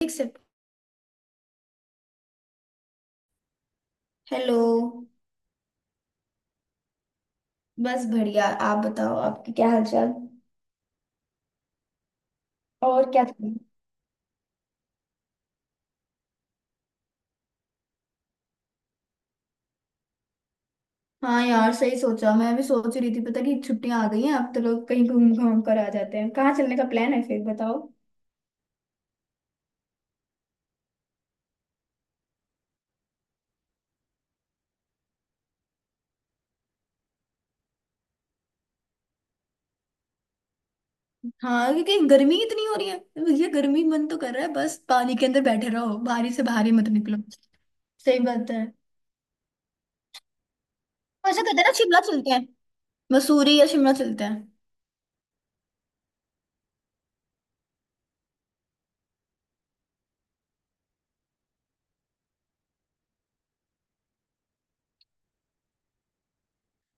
ठीक से। हेलो। बस बढ़िया, आप बताओ आपकी क्या हालचाल। और क्या कर रही हो? हाँ यार, सही सोचा। मैं भी सोच रही थी पता कि छुट्टियां आ गई हैं, अब तो लोग कहीं घूम घाम कर आ जाते हैं। कहाँ चलने का प्लान है फिर, बताओ। हाँ, क्योंकि गर्मी इतनी हो रही है। भैया गर्मी, मन तो कर रहा है बस पानी के अंदर बैठे रहो, बाहर ही से बाहर ही मत निकलो। सही बात है। ऐसा कहते हैं ना, शिमला चलते हैं। मसूरी या शिमला चलते हैं।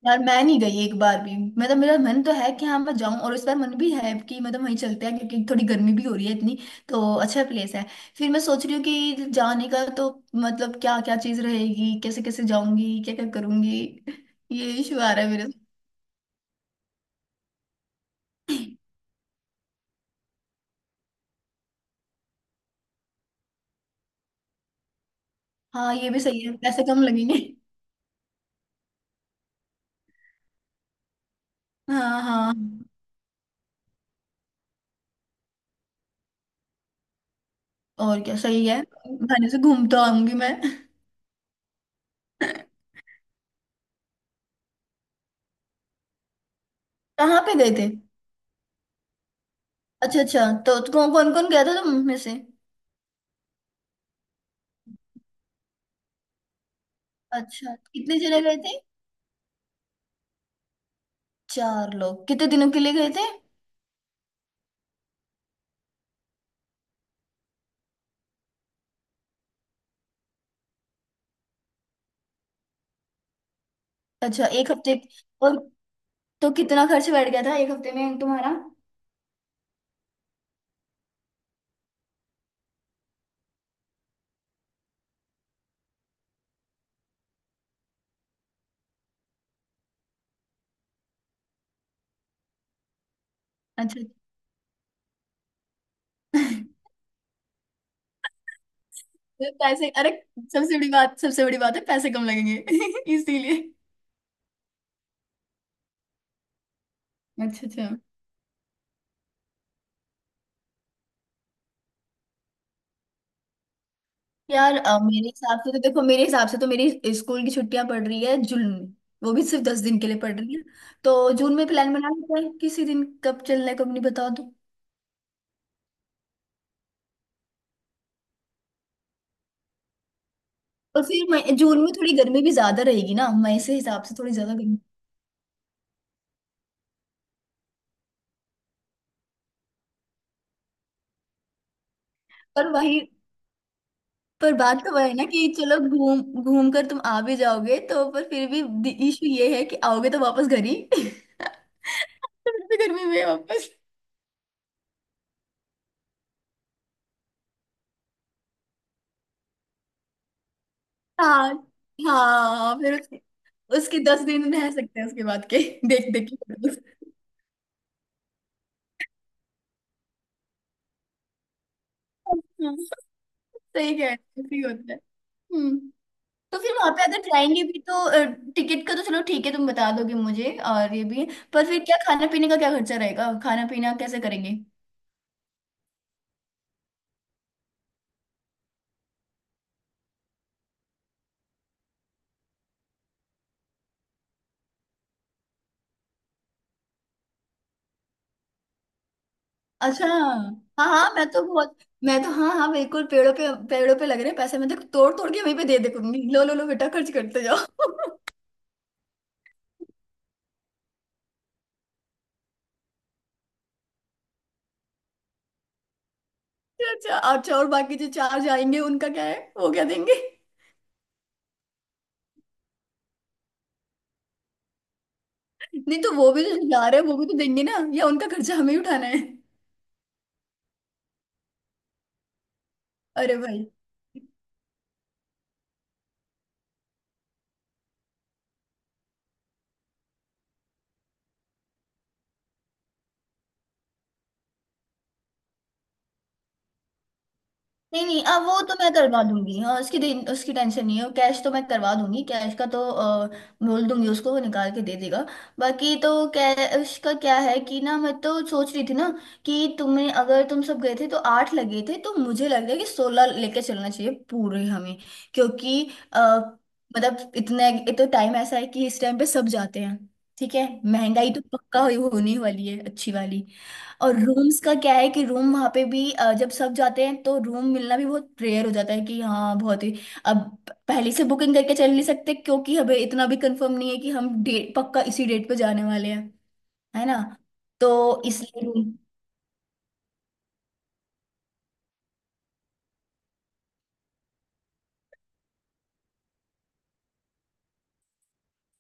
यार मैं नहीं गई एक बार भी, मतलब मेरा मन तो है कि हाँ मैं जाऊं, और इस बार मन भी है कि मतलब वहीं चलते हैं क्योंकि थोड़ी गर्मी भी हो रही है इतनी। तो अच्छा प्लेस है। फिर मैं सोच रही हूँ कि जाने का तो, मतलब क्या क्या चीज रहेगी, कैसे कैसे जाऊंगी, क्या क्या करूंगी। ये इशू आ रहा है मेरे साथ। हाँ, ये भी सही है, पैसे कम लगेंगे। हाँ हाँ। और क्या, सही है। बहाने से घूम तो आऊंगी मैं। कहाँ पे गए थे? अच्छा अच्छा। तो कौन कौन कौन गया था तुम में से? अच्छा, कितने जने गए थे? चार लोग कितने दिनों के लिए गए थे? अच्छा, एक हफ्ते। और? तो कितना खर्च बैठ गया था एक हफ्ते में तुम्हारा? अच्छा। तो पैसे, अरे सबसे बड़ी बात, सबसे बड़ी बात है पैसे कम लगेंगे, इसीलिए। अच्छा अच्छा। यार, मेरे हिसाब से तो देखो, मेरे हिसाब से तो मेरी स्कूल की छुट्टियां पड़ रही है जून में। वो भी सिर्फ 10 दिन के लिए पड़ रही है। तो जून में प्लान बना लेते हैं, किसी दिन कब चलना है कब नहीं, बता दो। और फिर मई जून में थोड़ी गर्मी भी ज्यादा रहेगी ना, मई से हिसाब से थोड़ी ज्यादा गर्मी। पर वही, पर बात तो वह है ना कि चलो घूम घूम कर तुम आ भी जाओगे तो, पर फिर भी इशू ये है कि आओगे तो वापस घर ही, फिर भी गर्मी में वापस। हाँ हाँ, फिर उसके दस दिन रह सकते हैं उसके बाद के, देख देख के। हाँ, सही कह रहे हो, सही होता है। हम्म। तो फिर वहां पे अगर जाएंगे भी तो, टिकट का तो चलो ठीक है तुम बता दोगे मुझे, और ये भी, पर फिर क्या खाना पीने का क्या खर्चा रहेगा, खाना पीना कैसे करेंगे? अच्छा। हाँ हाँ, मैं तो बहुत, मैं तो, हाँ हाँ बिल्कुल। पेड़ों पे, पेड़ों पे लग रहे पैसे मैं तो तोड़ तोड़ के वहीं पे दे दे करूंगी, लो लो लो बेटा, खर्च करते जाओ। अच्छा अच्छा और बाकी जो चार जाएंगे उनका क्या है, वो क्या देंगे? नहीं तो वो भी तो जा रहे हैं, वो भी तो देंगे ना, या उनका खर्चा हमें ही उठाना है? अरे भाई, नहीं नहीं, अब वो तो मैं करवा दूंगी हाँ, उसकी उसकी टेंशन नहीं है, कैश तो मैं करवा दूंगी। कैश का तो बोल दूंगी उसको, वो निकाल के दे देगा। बाकी तो कैश का क्या है। कि ना, मैं तो सोच रही थी ना कि तुम्हें, अगर तुम सब गए थे तो 8 लगे थे, तो मुझे लग रहा है कि 16 लेके चलना चाहिए पूरे हमें। क्योंकि आ, मतलब इतने, ये तो टाइम ऐसा है कि इस टाइम पे सब जाते हैं। ठीक है। महंगाई तो पक्का होने वाली है, अच्छी वाली। और रूम्स का क्या है कि रूम वहां पे भी, जब सब जाते हैं तो रूम मिलना भी बहुत रेयर हो जाता है, कि हाँ बहुत ही। अब पहले से बुकिंग करके चल नहीं सकते, क्योंकि हमें इतना भी कंफर्म नहीं है कि हम डेट पक्का इसी डेट पे जाने वाले हैं, है ना। तो इसलिए रूम।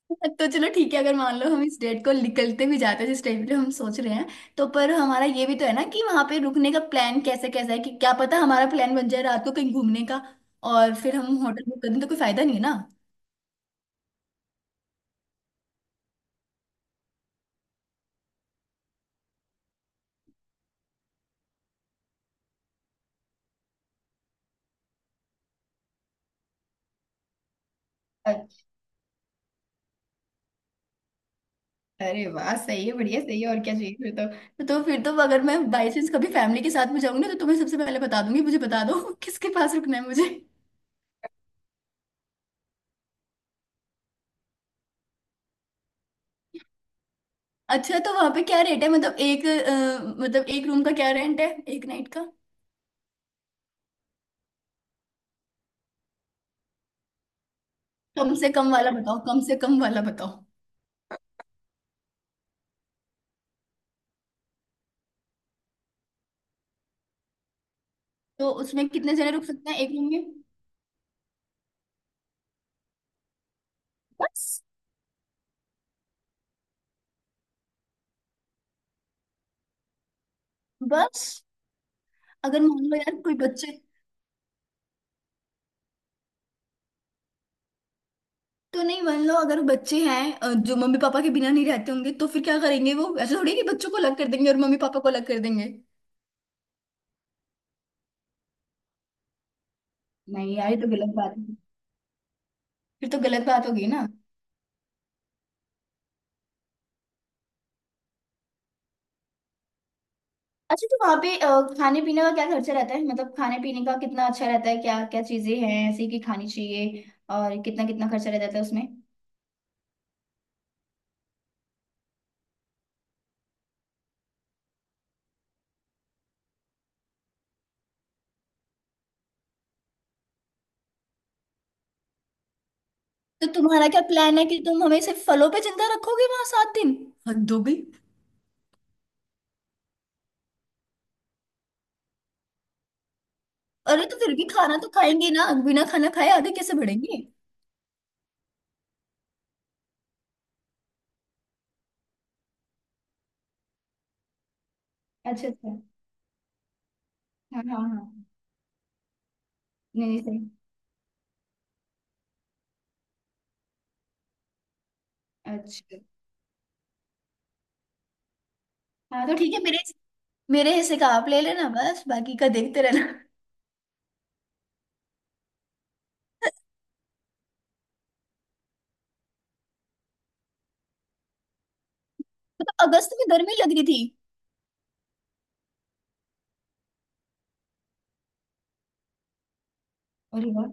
तो चलो ठीक है, अगर मान लो हम इस डेट को निकलते भी जाते हैं जिस टाइम पे हम सोच रहे हैं, तो पर हमारा ये भी तो है ना कि वहां पे रुकने का प्लान कैसे, कैसा है। कि क्या पता हमारा प्लान बन जाए रात को कहीं घूमने का, और फिर हम होटल बुक कर दें तो कोई फायदा नहीं है ना। अरे वाह, सही है, बढ़िया। सही है, और क्या चाहिए फिर तो। तो फिर तो अगर मैं बाई चांस कभी फैमिली के साथ में जाऊंगी ना तो तुम्हें सबसे पहले बता दूंगी, मुझे बता दो किसके पास रुकना है मुझे। अच्छा, तो वहां पे क्या रेट है, मतलब एक, मतलब एक रूम का क्या रेंट है, एक नाइट का? कम से कम वाला बताओ, कम से कम वाला बताओ। तो उसमें कितने जने रुक सकते हैं एक रूम में? बस। बस। अगर मान लो यार कोई बच्चे, तो नहीं, मान लो अगर बच्चे हैं जो मम्मी पापा के बिना नहीं रहते होंगे तो फिर क्या करेंगे? वो ऐसे थोड़ी है कि बच्चों को अलग कर देंगे और मम्मी पापा को अलग कर देंगे। नहीं यार, ये तो गलत बात है, फिर तो गलत बात होगी ना। अच्छा, तो वहां पे खाने पीने का क्या खर्चा रहता है, मतलब खाने पीने का कितना अच्छा रहता है? क्या क्या चीजें हैं ऐसी कि खानी चाहिए, और कितना कितना खर्चा रहता है उसमें? तो तुम्हारा क्या प्लान है कि तुम हमें सिर्फ फलों पे जिंदा रखोगे वहां 7 दिन? हद हो गई। अरे तो फिर भी खाना तो खाएंगे ना, बिना खाना खाए आधे कैसे बढ़ेंगे? अच्छा अच्छा। हाँ हाँ हाँ। नहीं नहीं, सही। अच्छा। हाँ तो ठीक है, मेरे, मेरे हिस्से का आप ले लेना बस, बाकी का देखते रहना। तो अगस्त में गर्मी लग रही थी? अरे वाह।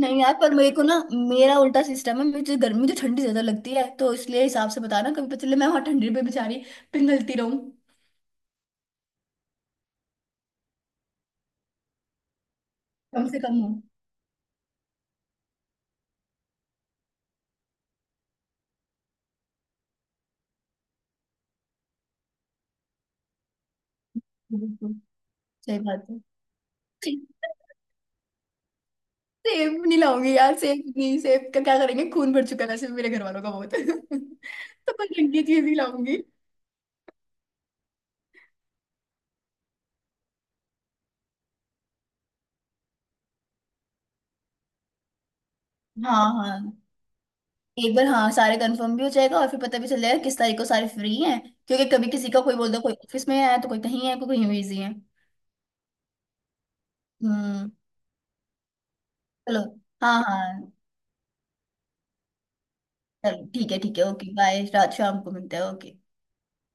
नहीं यार, पर मेरे को ना मेरा उल्टा सिस्टम है, मुझे गर्मी, मुझे ठंडी ज्यादा लगती है, तो इसलिए हिसाब से बताना। कभी पता चले मैं वहां ठंडी पे बेचारी पिघलती रहूं। कम से कम हो। बिल्कुल। सही बात है। सेब नहीं लाऊंगी यार, सेब नहीं, सेब का क्या करेंगे, खून भर चुका है वैसे भी मेरे घर वालों का बहुत। तो मैं ठंडी चीज ही लाऊंगी। हाँ हाँ, एक बार हाँ सारे कंफर्म भी हो जाएगा, और फिर पता भी चल जाएगा किस तारीख को सारे फ्री हैं। क्योंकि कभी किसी का कोई, बोल दो कोई ऑफिस में है, तो कोई कहीं है, कोई कहीं बिजी है। हम्म। चलो। हाँ हाँ। चल ठीक है, ठीक है, ओके, बाय। रात, शाम को मिलते हैं। ओके।